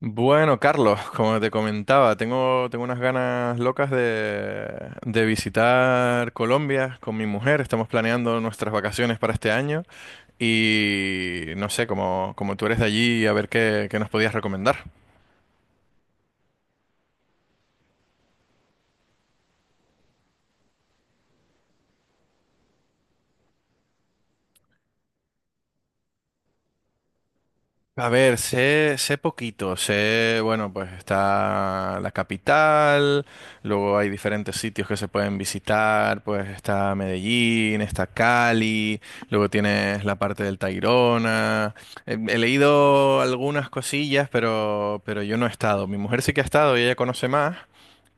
Bueno, Carlos, como te comentaba, tengo unas ganas locas de visitar Colombia con mi mujer. Estamos planeando nuestras vacaciones para este año y no sé, como tú eres de allí, a ver qué nos podías recomendar. A ver, sé poquito, bueno, pues está la capital, luego hay diferentes sitios que se pueden visitar, pues está Medellín, está Cali, luego tienes la parte del Tayrona. He leído algunas cosillas, pero yo no he estado. Mi mujer sí que ha estado y ella conoce más,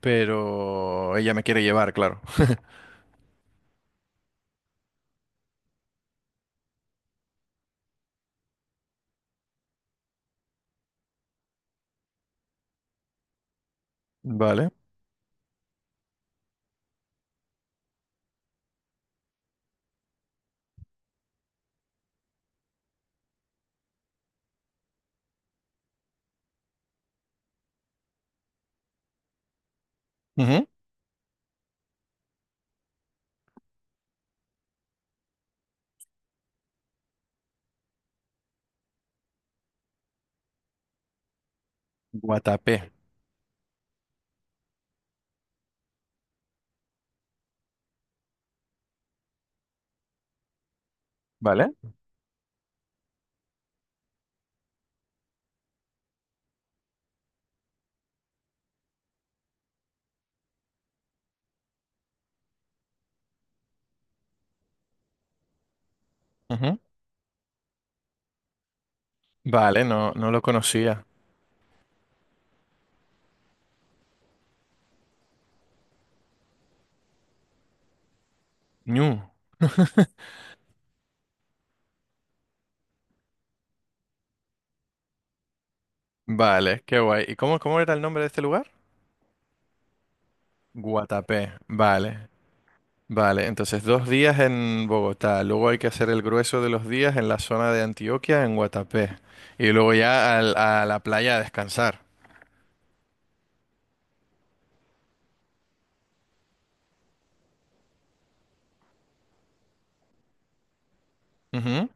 pero ella me quiere llevar, claro. Vale. Ujú. Guatapé. Vale. Ujú. Vale, no, no lo conocía. Ñu. Vale, qué guay. ¿Y cómo era el nombre de este lugar? Guatapé. Vale, vale. Entonces, 2 días en Bogotá. Luego hay que hacer el grueso de los días en la zona de Antioquia, en Guatapé. Y luego ya a la playa a descansar. Ujú.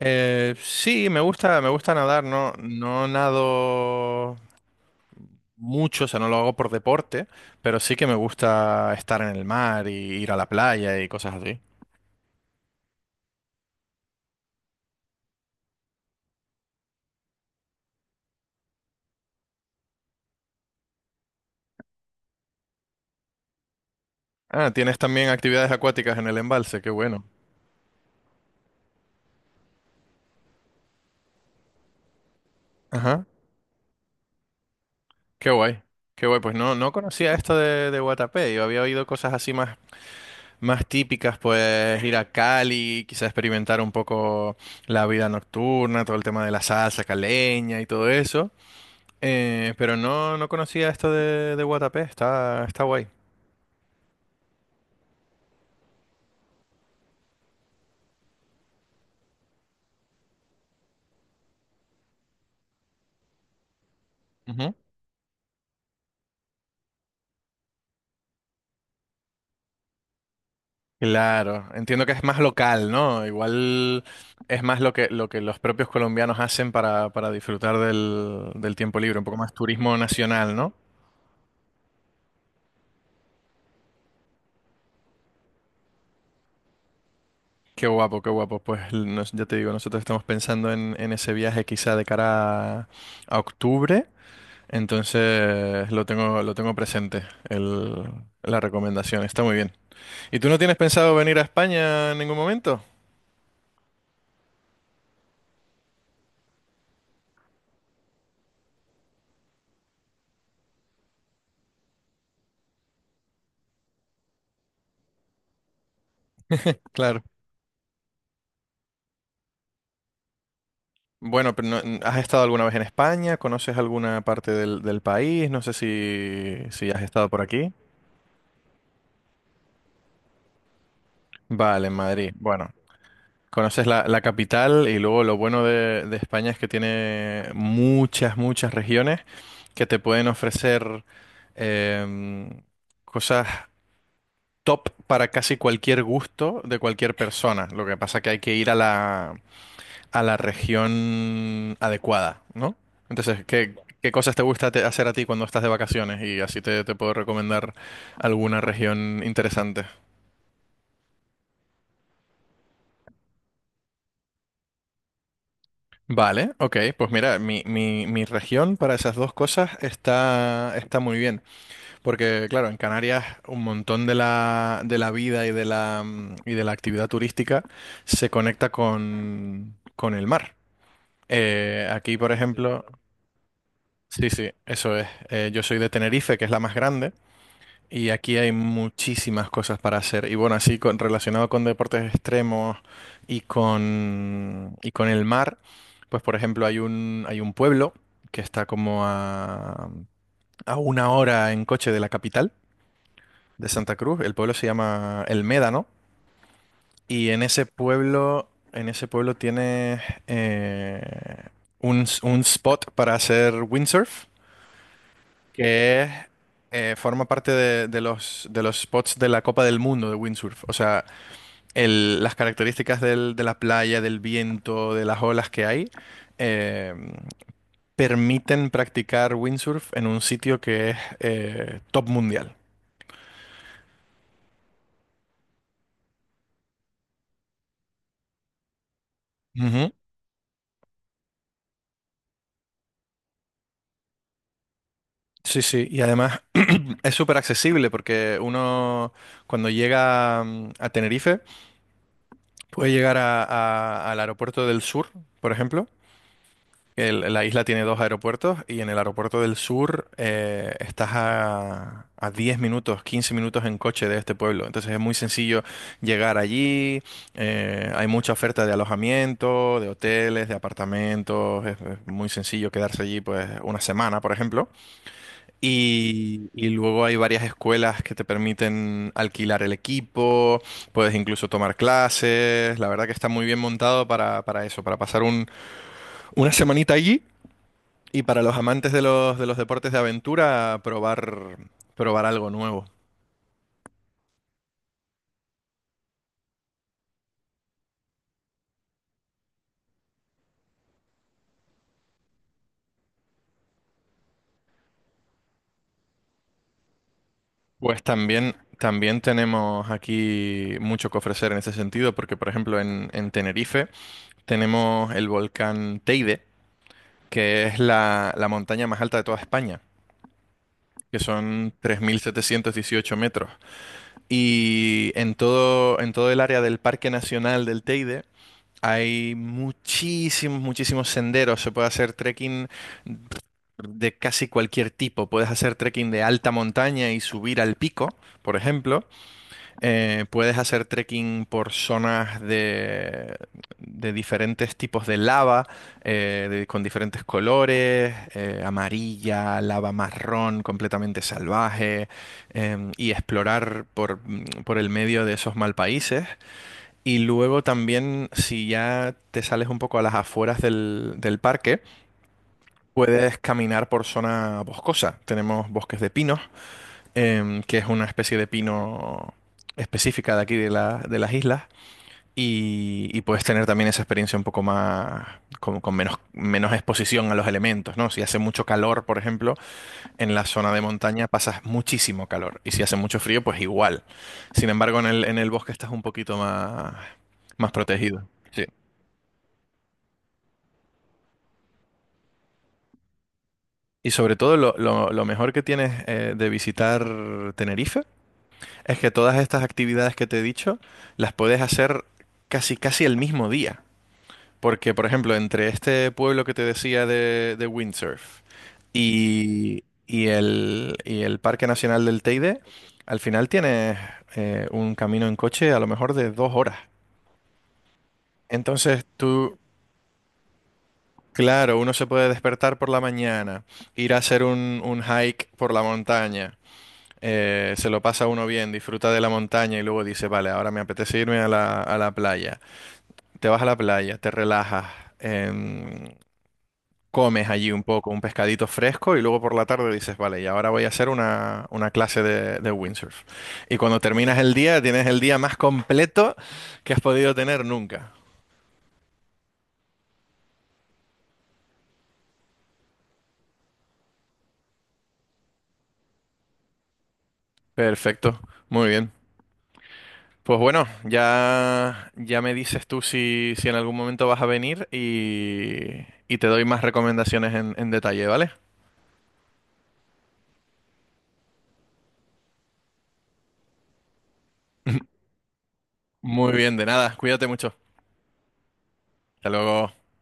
Sí, me gusta nadar. No, no nado mucho, o sea, no lo hago por deporte, pero sí que me gusta estar en el mar y ir a la playa y cosas así. Ah, tienes también actividades acuáticas en el embalse, qué bueno. Ajá. Qué guay, qué guay. Pues no, no conocía esto de Guatapé. Yo había oído cosas así más típicas, pues ir a Cali, quizás experimentar un poco la vida nocturna, todo el tema de la salsa caleña y todo eso. Pero no, no conocía esto de Guatapé. Está guay. Ujú. Claro, entiendo que es más local, ¿no? Igual es más lo que los propios colombianos hacen para disfrutar del tiempo libre, un poco más turismo nacional, ¿no? Qué guapo, qué guapo. Pues ya te digo, nosotros estamos pensando en ese viaje quizá de cara a octubre, entonces lo tengo presente, el, la recomendación. Está muy bien. ¿Y tú no tienes pensado venir a España en ningún momento? Claro. Bueno, pero ¿has estado alguna vez en España? ¿Conoces alguna parte del país? No sé si has estado por aquí. Vale, en Madrid. Bueno. Conoces la capital y luego lo bueno de España es que tiene muchas regiones que te pueden ofrecer em, cosas top para casi cualquier gusto de cualquier persona. Lo que pasa que hay que ir a la región adecuada, ¿no? Entonces, ¿qué cosas te gusta hacer a ti cuando estás de vacaciones? Y así te puedo recomendar alguna región interesante. Vale, ok, pues mira, mi región para esas dos cosas está muy bien, porque claro, en Canarias un montón de la vida y de la actividad turística se conecta con el mar. Aquí, por, claro, ejemplo, sí, sí, eso es, yo soy de Tenerife, que es la más grande, y aquí hay muchísimas cosas para hacer. Y bueno, así relacionado con deportes extremos y con el mar, pues por ejemplo hay un pueblo que está como a una hora en coche de la capital, de Santa Cruz. El pueblo se llama El Médano. Y en ese pueblo tiene eh, un spot para hacer windsurf. que es, Forma parte de los spots de la Copa del Mundo de windsurf. O sea, las características de la playa, del viento, de las olas que hay, eh, permiten practicar windsurf en un sitio que es top mundial. Ujú. Sí, sí, y además es súper accesible porque uno cuando llega a Tenerife puede llegar al aeropuerto del sur, por ejemplo. La isla tiene dos aeropuertos y en el aeropuerto del sur, estás a 10 minutos, 15 minutos en coche de este pueblo. Entonces es muy sencillo llegar allí. Hay mucha oferta de alojamiento, de hoteles, de apartamentos. Es muy sencillo quedarse allí pues una semana, por ejemplo. Y luego hay varias escuelas que te permiten alquilar el equipo, puedes incluso tomar clases. La verdad que está muy bien montado para eso, para pasar una semanita allí y para los amantes de los deportes de aventura, probar algo nuevo. Pues también, también tenemos aquí mucho que ofrecer en ese sentido, porque por ejemplo en Tenerife tenemos el volcán Teide, que es la montaña más alta de toda España, que son 3718 metros. Y en todo el área del Parque Nacional del Teide hay muchísimos, muchísimos senderos. Se puede hacer trekking de casi cualquier tipo. Puedes hacer trekking de alta montaña y subir al pico, por ejemplo. Puedes hacer trekking por zonas de diferentes tipos de lava, con diferentes colores, amarilla, lava marrón, completamente salvaje, y explorar por el medio de esos mal países. Y luego también, si ya te sales un poco a las afueras del parque, puedes caminar por zona boscosa. Tenemos bosques de pinos, que es una especie de pino específica de aquí de las islas. Y puedes tener también esa experiencia un poco más, con menos exposición a los elementos, ¿no? Si hace mucho calor, por ejemplo, en la zona de montaña pasas muchísimo calor. Y si hace mucho frío, pues igual. Sin embargo, en el bosque estás un poquito más, más protegido. Sí. Y sobre todo, lo mejor que tienes de visitar Tenerife es que todas estas actividades que te he dicho las puedes hacer casi casi el mismo día. Porque, por ejemplo, entre este pueblo que te decía de windsurf y el Parque Nacional del Teide, al final tienes un camino en coche a lo mejor de 2 horas. Entonces tú, claro, uno se puede despertar por la mañana, ir a hacer un hike por la montaña, se lo pasa uno bien, disfruta de la montaña y luego dice, vale, ahora me apetece irme a la playa. Te vas a la playa, te relajas, em, comes allí un poco, un pescadito fresco y luego por la tarde dices, vale, y ahora voy a hacer una clase de windsurf. Y cuando terminas el día, tienes el día más completo que has podido tener nunca. Perfecto, muy bien. Pues bueno, ya me dices tú si en algún momento vas a venir y te doy más recomendaciones en detalle, ¿vale? Muy bien, de nada. Cuídate mucho. Hasta luego.